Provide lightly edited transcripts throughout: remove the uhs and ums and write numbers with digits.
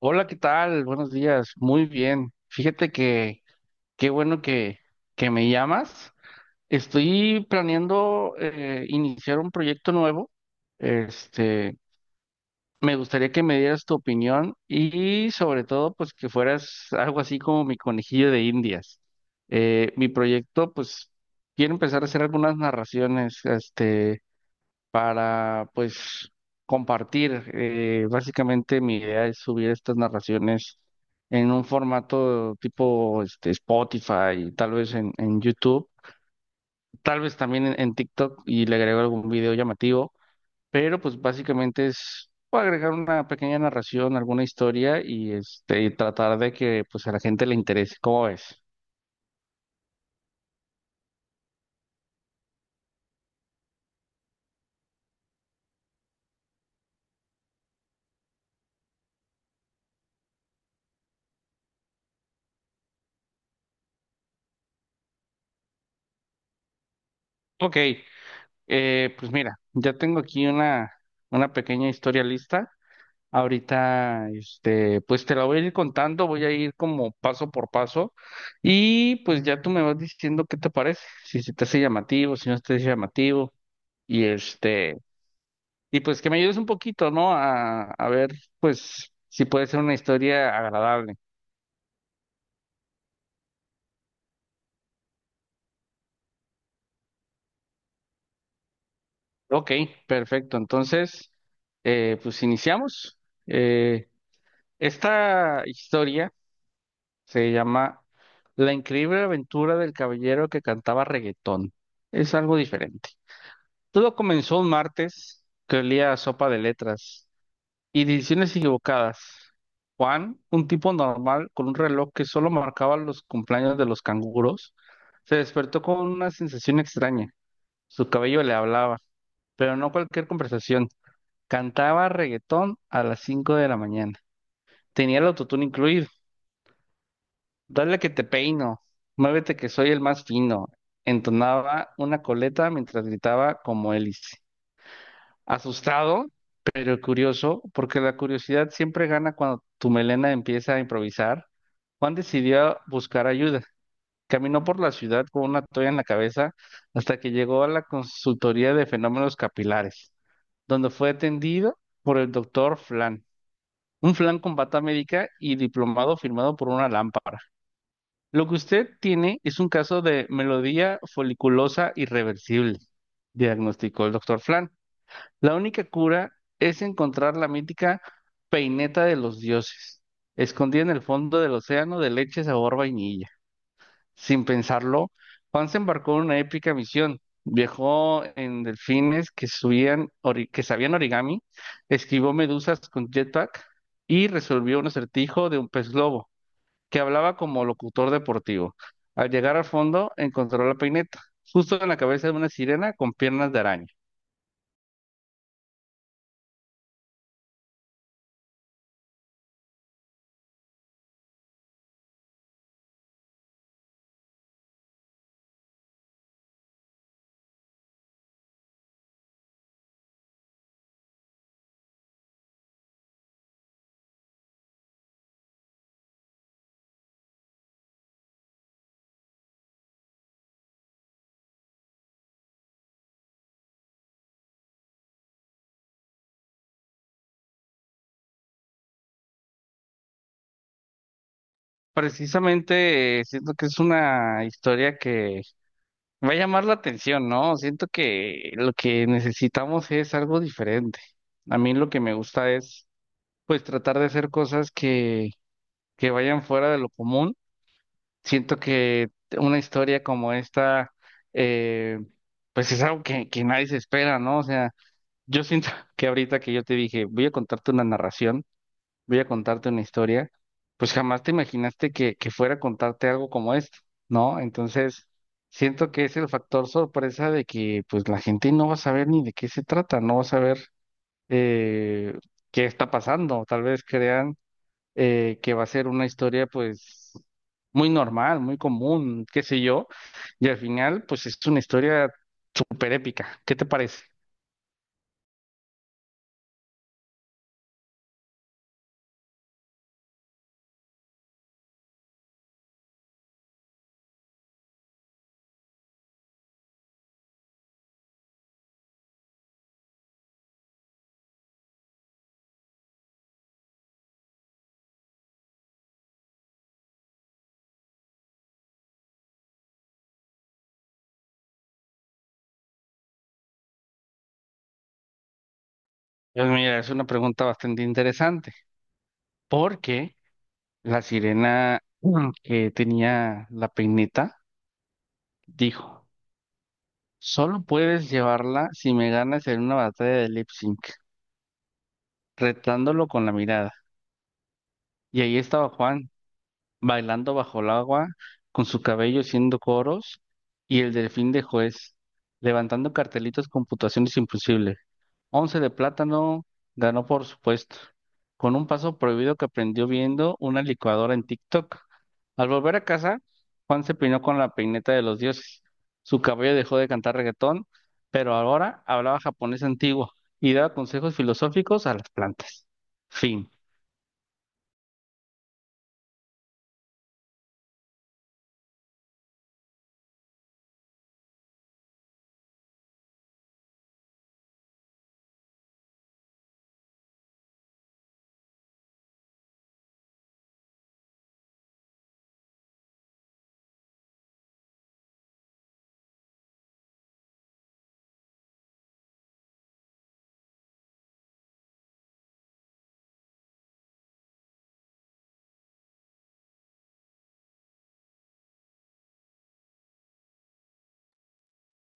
Hola, ¿qué tal? Buenos días. Muy bien. Fíjate que qué bueno que me llamas. Estoy planeando iniciar un proyecto nuevo. Este, me gustaría que me dieras tu opinión y sobre todo, pues que fueras algo así como mi conejillo de Indias. Mi proyecto, pues, quiero empezar a hacer algunas narraciones, para pues compartir. Básicamente mi idea es subir estas narraciones en un formato tipo Spotify y tal vez en YouTube, tal vez también en TikTok y le agrego algún video llamativo, pero pues básicamente es agregar una pequeña narración, alguna historia tratar de que pues a la gente le interese. ¿Cómo ves? Ok, pues mira, ya tengo aquí una pequeña historia lista. Ahorita, pues te la voy a ir contando, voy a ir como paso por paso y pues ya tú me vas diciendo qué te parece, si se te hace llamativo, si no se te hace llamativo y este, y pues que me ayudes un poquito, ¿no? A ver, pues si puede ser una historia agradable. Ok, perfecto. Entonces, pues iniciamos. Eh, esta historia se llama La increíble aventura del caballero que cantaba reggaetón. Es algo diferente. Todo comenzó un martes que olía a sopa de letras y decisiones equivocadas. Juan, un tipo normal con un reloj que solo marcaba los cumpleaños de los canguros, se despertó con una sensación extraña. Su cabello le hablaba, pero no cualquier conversación. Cantaba reggaetón a las 5 de la mañana. Tenía el autotune incluido. Dale que te peino, muévete que soy el más fino. Entonaba una coleta mientras gritaba como hélice. Asustado, pero curioso, porque la curiosidad siempre gana cuando tu melena empieza a improvisar. Juan decidió buscar ayuda. Caminó por la ciudad con una toalla en la cabeza hasta que llegó a la consultoría de fenómenos capilares, donde fue atendido por el doctor Flan, un Flan con bata médica y diplomado firmado por una lámpara. Lo que usted tiene es un caso de melodía foliculosa irreversible, diagnosticó el doctor Flan. La única cura es encontrar la mítica peineta de los dioses, escondida en el fondo del océano de leche sabor vainilla. Sin pensarlo, Juan se embarcó en una épica misión. Viajó en delfines que sabían origami, esquivó medusas con jetpack y resolvió un acertijo de un pez globo, que hablaba como locutor deportivo. Al llegar al fondo, encontró la peineta, justo en la cabeza de una sirena con piernas de araña. Precisamente siento que es una historia que va a llamar la atención, ¿no? Siento que lo que necesitamos es algo diferente. A mí lo que me gusta es, pues, tratar de hacer cosas que vayan fuera de lo común. Siento que una historia como esta, eh, pues, es algo que nadie se espera, ¿no? O sea, yo siento que ahorita que yo te dije, voy a contarte una historia, pues jamás te imaginaste que fuera a contarte algo como esto, ¿no? Entonces, siento que es el factor sorpresa de que pues la gente no va a saber ni de qué se trata, no va a saber eh, qué está pasando. Tal vez crean que va a ser una historia pues muy normal, muy común, qué sé yo, y al final pues es una historia súper épica. ¿Qué te parece? Pues mira, es una pregunta bastante interesante, porque... La sirena que tenía la peineta dijo, solo puedes llevarla si me ganas en una batalla de lip sync, retándolo con la mirada. Y ahí estaba Juan, bailando bajo el agua, con su cabello haciendo coros, y el delfín de juez, levantando cartelitos con puntuaciones imposibles. 11 de plátano ganó, por supuesto, con un paso prohibido que aprendió viendo una licuadora en TikTok. Al volver a casa, Juan se peinó con la peineta de los dioses. Su cabello dejó de cantar reggaetón, pero ahora hablaba japonés antiguo y daba consejos filosóficos a las plantas. Fin.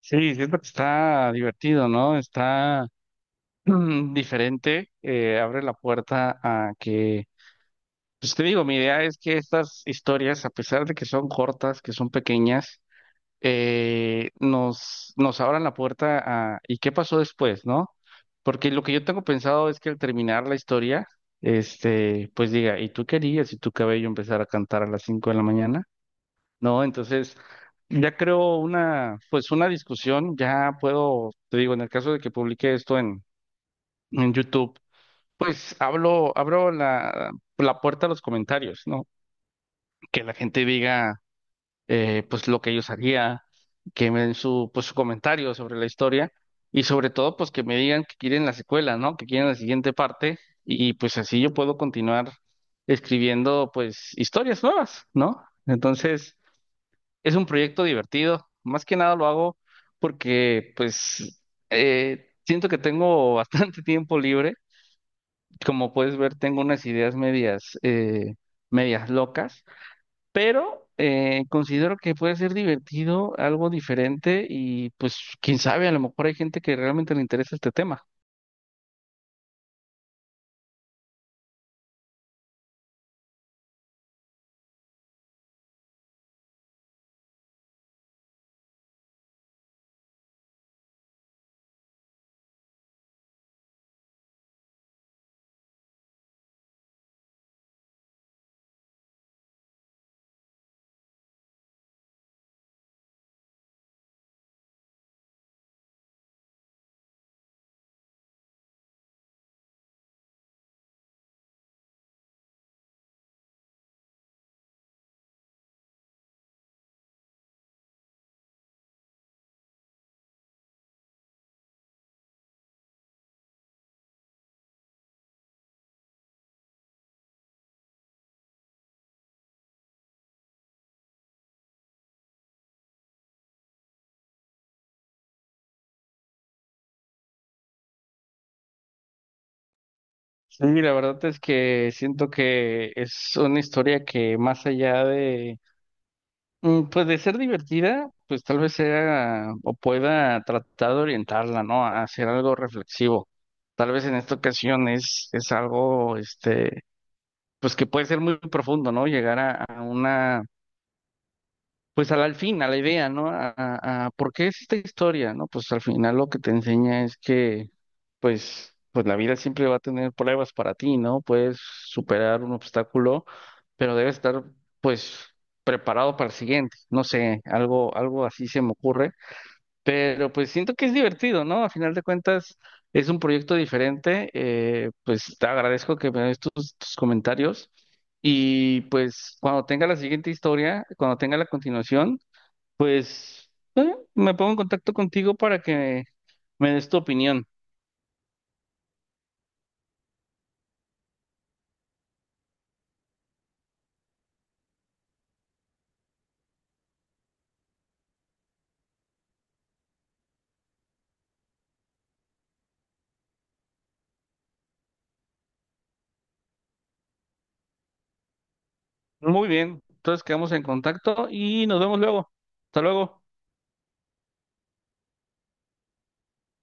Sí, siento que está divertido, ¿no? Está diferente, abre la puerta a que, pues te digo, mi idea es que estas historias, a pesar de que son cortas, que son pequeñas, nos abran la puerta a ¿y qué pasó después, no? Porque lo que yo tengo pensado es que al terminar la historia, pues diga, ¿y tú querías si tu cabello empezara a cantar a las 5 de la mañana? No, entonces ya creo pues una discusión, ya puedo, te digo, en el caso de que publique esto en, YouTube, pues hablo, abro la puerta a los comentarios, ¿no? Que la gente diga, pues lo que ellos haría, que me den pues, su comentario sobre la historia y sobre todo pues que me digan que quieren la secuela, ¿no? Que quieren la siguiente parte y pues así yo puedo continuar escribiendo pues historias nuevas, ¿no? Entonces es un proyecto divertido, más que nada lo hago porque pues siento que tengo bastante tiempo libre, como puedes ver tengo unas ideas medias locas pero considero que puede ser divertido, algo diferente y pues quién sabe, a lo mejor hay gente que realmente le interesa este tema. Sí, la verdad es que siento que es una historia que más allá de, pues de ser divertida, pues tal vez sea o pueda tratar de orientarla, ¿no? A hacer algo reflexivo. Tal vez en esta ocasión es algo, pues que puede ser muy profundo, ¿no? Llegar a una pues al fin, a la idea, ¿no? A por qué es esta historia, ¿no? Pues al final lo que te enseña es que, pues la vida siempre va a tener pruebas para ti, ¿no? Puedes superar un obstáculo, pero debes estar, pues, preparado para el siguiente. No sé, algo así se me ocurre, pero pues siento que es divertido, ¿no? A final de cuentas es un proyecto diferente. Pues te agradezco que me des tus comentarios. Y pues cuando tenga la siguiente historia, cuando tenga la continuación, pues me pongo en contacto contigo para que me des tu opinión. Muy bien, entonces quedamos en contacto y nos vemos luego. Hasta luego.